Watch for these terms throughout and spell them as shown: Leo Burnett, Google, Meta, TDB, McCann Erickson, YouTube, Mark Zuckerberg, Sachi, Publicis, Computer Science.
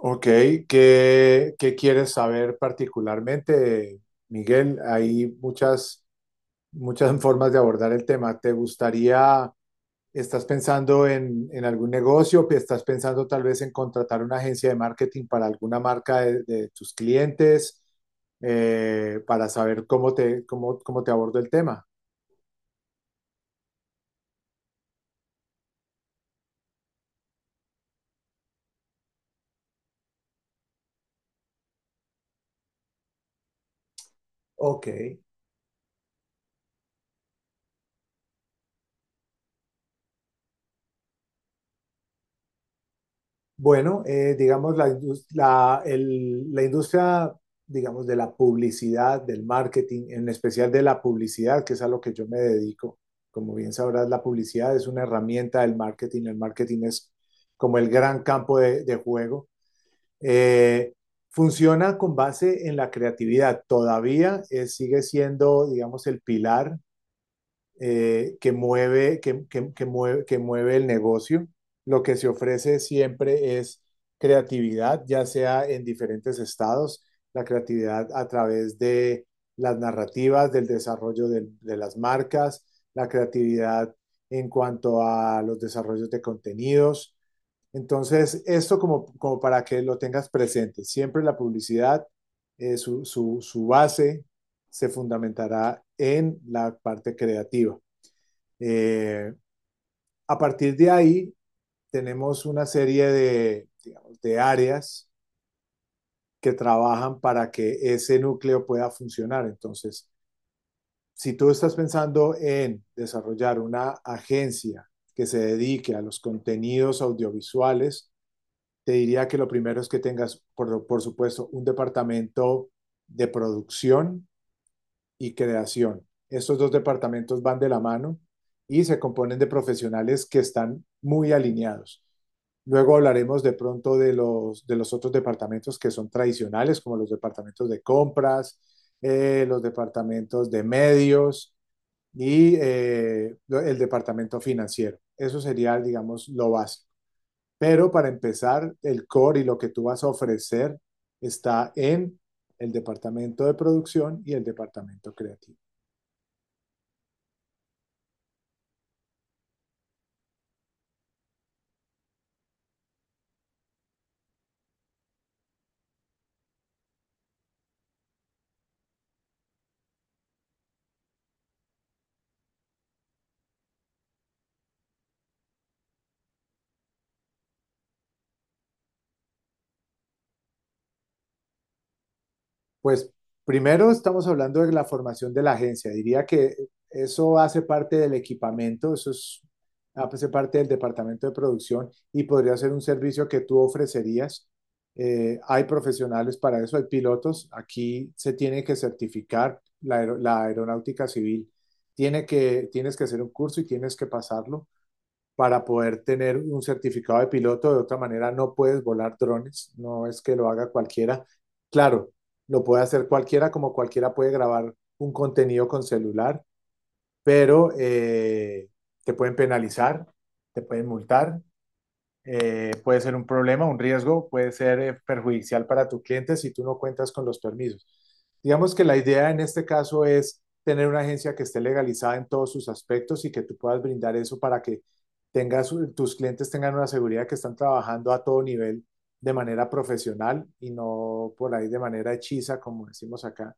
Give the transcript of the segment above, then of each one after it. Ok. ¿Qué quieres saber particularmente, Miguel? Hay muchas formas de abordar el tema. ¿Te gustaría, estás pensando en algún negocio, estás pensando tal vez en contratar una agencia de marketing para alguna marca de tus clientes, para saber cómo te abordo el tema? Ok. Bueno, digamos, la industria, digamos, de la publicidad, del marketing, en especial de la publicidad, que es a lo que yo me dedico. Como bien sabrás, la publicidad es una herramienta del marketing. El marketing es como el gran campo de juego. Eh, Funciona con base en la creatividad. Todavía sigue siendo, digamos, el pilar que mueve el negocio. Lo que se ofrece siempre es creatividad, ya sea en diferentes estados, la creatividad a través de las narrativas, del desarrollo de las marcas, la creatividad en cuanto a los desarrollos de contenidos. Entonces, esto como para que lo tengas presente, siempre la publicidad, su base se fundamentará en la parte creativa. Eh, a partir de ahí, tenemos una serie digamos, de áreas que trabajan para que ese núcleo pueda funcionar. Entonces, si tú estás pensando en desarrollar una agencia que se dedique a los contenidos audiovisuales, te diría que lo primero es que tengas, por supuesto, un departamento de producción y creación. Estos dos departamentos van de la mano y se componen de profesionales que están muy alineados. Luego hablaremos de pronto de los otros departamentos que son tradicionales, como los departamentos de compras, los departamentos de medios y el departamento financiero. Eso sería, digamos, lo básico. Pero para empezar, el core y lo que tú vas a ofrecer está en el departamento de producción y el departamento creativo. Pues primero estamos hablando de la formación de la agencia. Diría que eso hace parte del equipamiento, eso es, hace parte del departamento de producción y podría ser un servicio que tú ofrecerías. Hay profesionales para eso, hay pilotos. Aquí se tiene que certificar la aeronáutica civil. Tienes que hacer un curso y tienes que pasarlo para poder tener un certificado de piloto. De otra manera, no puedes volar drones, no es que lo haga cualquiera. Claro, lo puede hacer cualquiera, como cualquiera puede grabar un contenido con celular, pero te pueden penalizar, te pueden multar, puede ser un problema, un riesgo, puede ser perjudicial para tu cliente si tú no cuentas con los permisos. Digamos que la idea en este caso es tener una agencia que esté legalizada en todos sus aspectos y que tú puedas brindar eso para que tus clientes tengan una seguridad que están trabajando a todo nivel de manera profesional y no por ahí de manera hechiza, como decimos acá,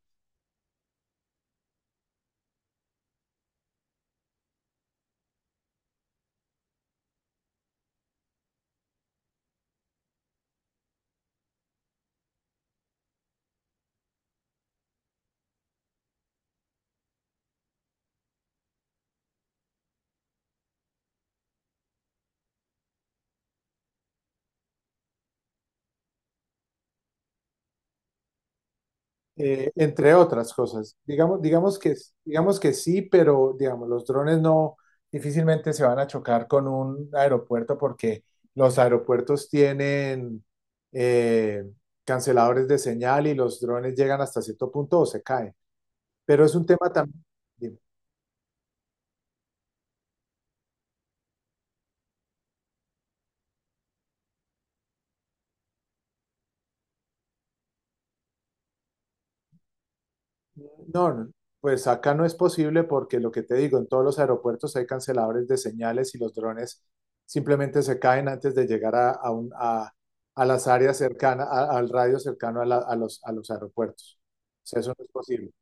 entre otras cosas. Digamos que sí, pero digamos, los drones no difícilmente se van a chocar con un aeropuerto porque los aeropuertos tienen eh, canceladores de señal y los drones llegan hasta cierto punto o se caen. Pero es un tema también. No, no, pues acá no es posible porque lo que te digo, en todos los aeropuertos hay canceladores de señales y los drones simplemente se caen antes de llegar a las áreas cercanas, al radio cercano a los aeropuertos. O sea, eso no es posible.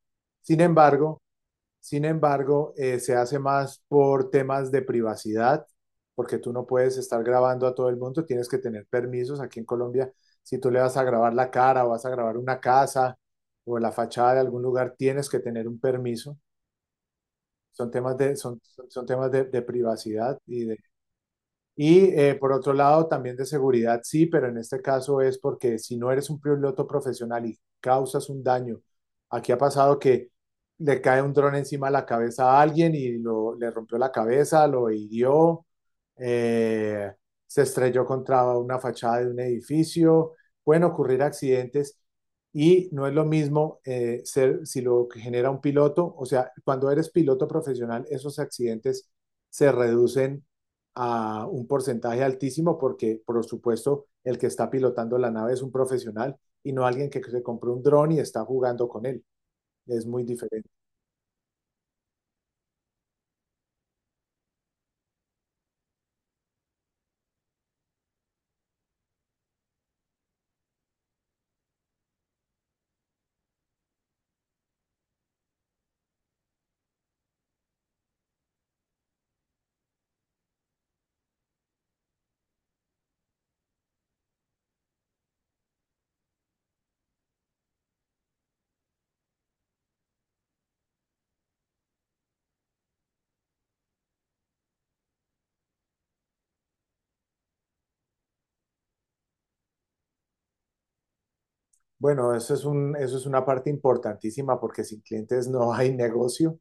Sin embargo, sin embargo, se hace más por temas de privacidad, porque tú no puedes estar grabando a todo el mundo, tienes que tener permisos. Aquí en Colombia, si tú le vas a grabar la cara o vas a grabar una casa o la fachada de algún lugar, tienes que tener un permiso. Son temas de, son, son temas de privacidad y, por otro lado, también de seguridad, sí, pero en este caso es porque si no eres un piloto profesional y causas un daño, aquí ha pasado que le cae un dron encima de la cabeza a alguien y le rompió la cabeza, lo hirió, eh, se estrelló contra una fachada de un edificio, pueden ocurrir accidentes y no es lo mismo ser si lo que genera un piloto, o sea, cuando eres piloto profesional, esos accidentes se reducen a un porcentaje altísimo porque, por supuesto, el que está pilotando la nave es un profesional y no alguien que se compró un dron y está jugando con él. Es muy diferente. Bueno, eso es una parte importantísima porque sin clientes no hay negocio.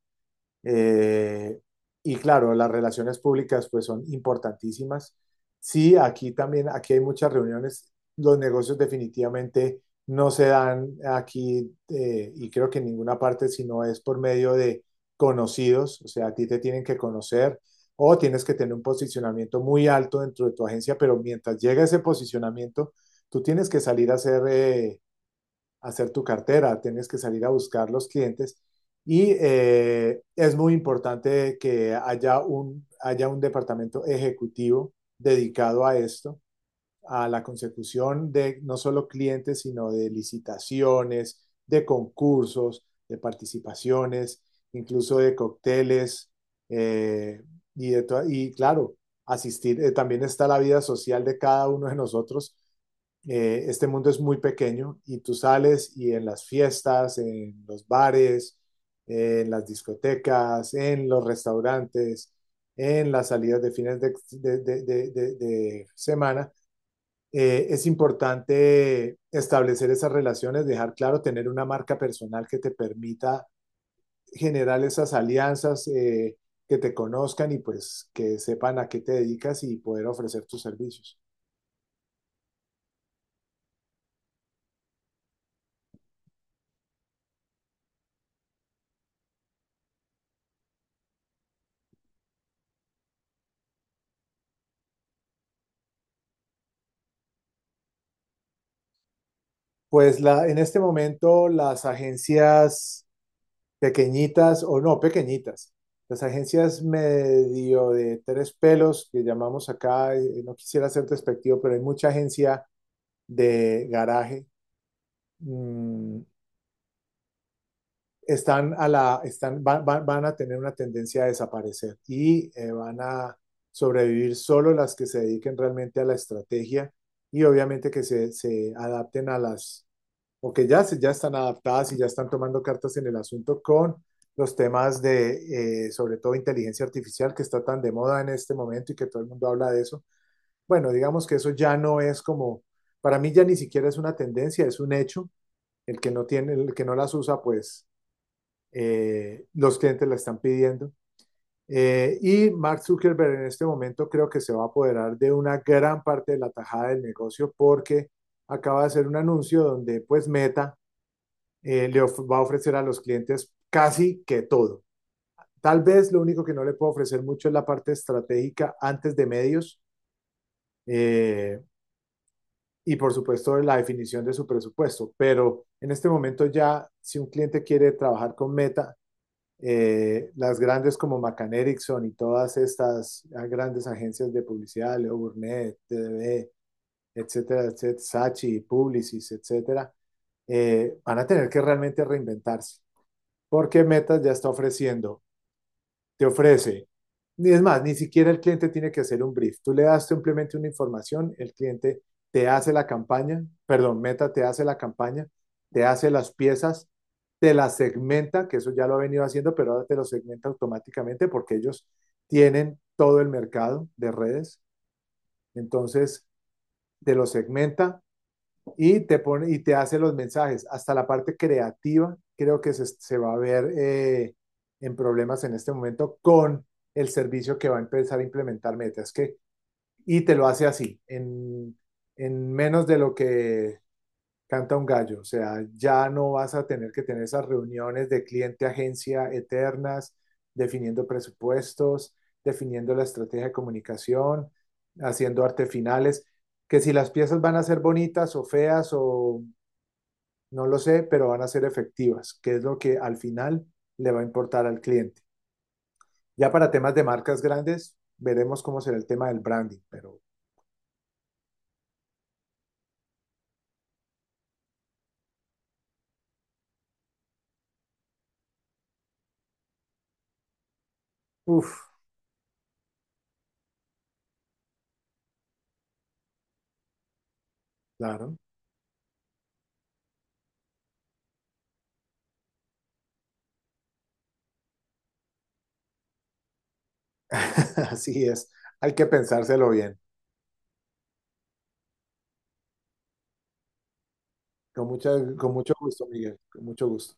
Eh, y claro, las relaciones públicas pues son importantísimas. Sí, aquí también, aquí hay muchas reuniones. Los negocios definitivamente no se dan aquí, y creo que en ninguna parte, sino es por medio de conocidos, o sea, a ti te tienen que conocer o tienes que tener un posicionamiento muy alto dentro de tu agencia, pero mientras llega ese posicionamiento, tú tienes que salir a hacer, hacer tu cartera, tienes que salir a buscar los clientes y es muy importante que haya un departamento ejecutivo dedicado a esto, a la consecución de no solo clientes, sino de licitaciones, de concursos, de participaciones, incluso de cócteles, eh, y claro, asistir. También está la vida social de cada uno de nosotros. Este mundo es muy pequeño y tú sales y en las fiestas, en los bares, en las discotecas, en los restaurantes, en las salidas de fines de, de, de, de de, de semana, es importante establecer esas relaciones, dejar claro, tener una marca personal que te permita generar esas alianzas, que te conozcan y pues que sepan a qué te dedicas y poder ofrecer tus servicios. En este momento las agencias pequeñitas o no pequeñitas, las agencias medio de tres pelos que llamamos acá, no quisiera ser despectivo, pero hay mucha agencia de garaje, mmm, están a la, están, van, van- van a tener una tendencia a desaparecer y van a sobrevivir solo las que se dediquen realmente a la estrategia y obviamente que se adapten a o que ya, ya están adaptadas y ya están tomando cartas en el asunto con los temas de sobre todo, inteligencia artificial, que está tan de moda en este momento y que todo el mundo habla de eso. Bueno, digamos que eso ya no es como, para mí ya ni siquiera es una tendencia, es un hecho. El que no las usa, pues los clientes la están pidiendo. Y Mark Zuckerberg en este momento creo que se va a apoderar de una gran parte de la tajada del negocio porque acaba de hacer un anuncio donde pues Meta le va a ofrecer a los clientes casi que todo. Tal vez lo único que no le puedo ofrecer mucho es la parte estratégica antes de medios, eh, y por supuesto la definición de su presupuesto, pero en este momento ya si un cliente quiere trabajar con Meta, las grandes como McCann Erickson y todas estas grandes agencias de publicidad, Leo Burnett, TDB, etcétera, etcétera, Sachi, Publicis, etcétera, van a tener que realmente reinventarse, porque Meta ya está ofreciendo, te ofrece. Ni es más, Ni siquiera el cliente tiene que hacer un brief. Tú le das simplemente una información, el cliente te hace la campaña, perdón, Meta te hace la campaña, te hace las piezas, te las segmenta, que eso ya lo ha venido haciendo, pero ahora te lo segmenta automáticamente porque ellos tienen todo el mercado de redes. Entonces, te lo segmenta, y te pone y te hace los mensajes. Hasta la parte creativa creo que se va a ver en problemas en este momento con el servicio que va a empezar a implementar Meta. Es que, y te lo hace así, en menos de lo que canta un gallo. O sea, ya no vas a tener que tener esas reuniones de cliente-agencia eternas, definiendo presupuestos, definiendo la estrategia de comunicación, haciendo artefinales, que si las piezas van a ser bonitas o feas o no lo sé, pero van a ser efectivas, que es lo que al final le va a importar al cliente. Ya para temas de marcas grandes, veremos cómo será el tema del branding, pero uff, claro, así es. Hay que pensárselo bien. Con, mucha, con mucho gusto, Miguel, con mucho gusto.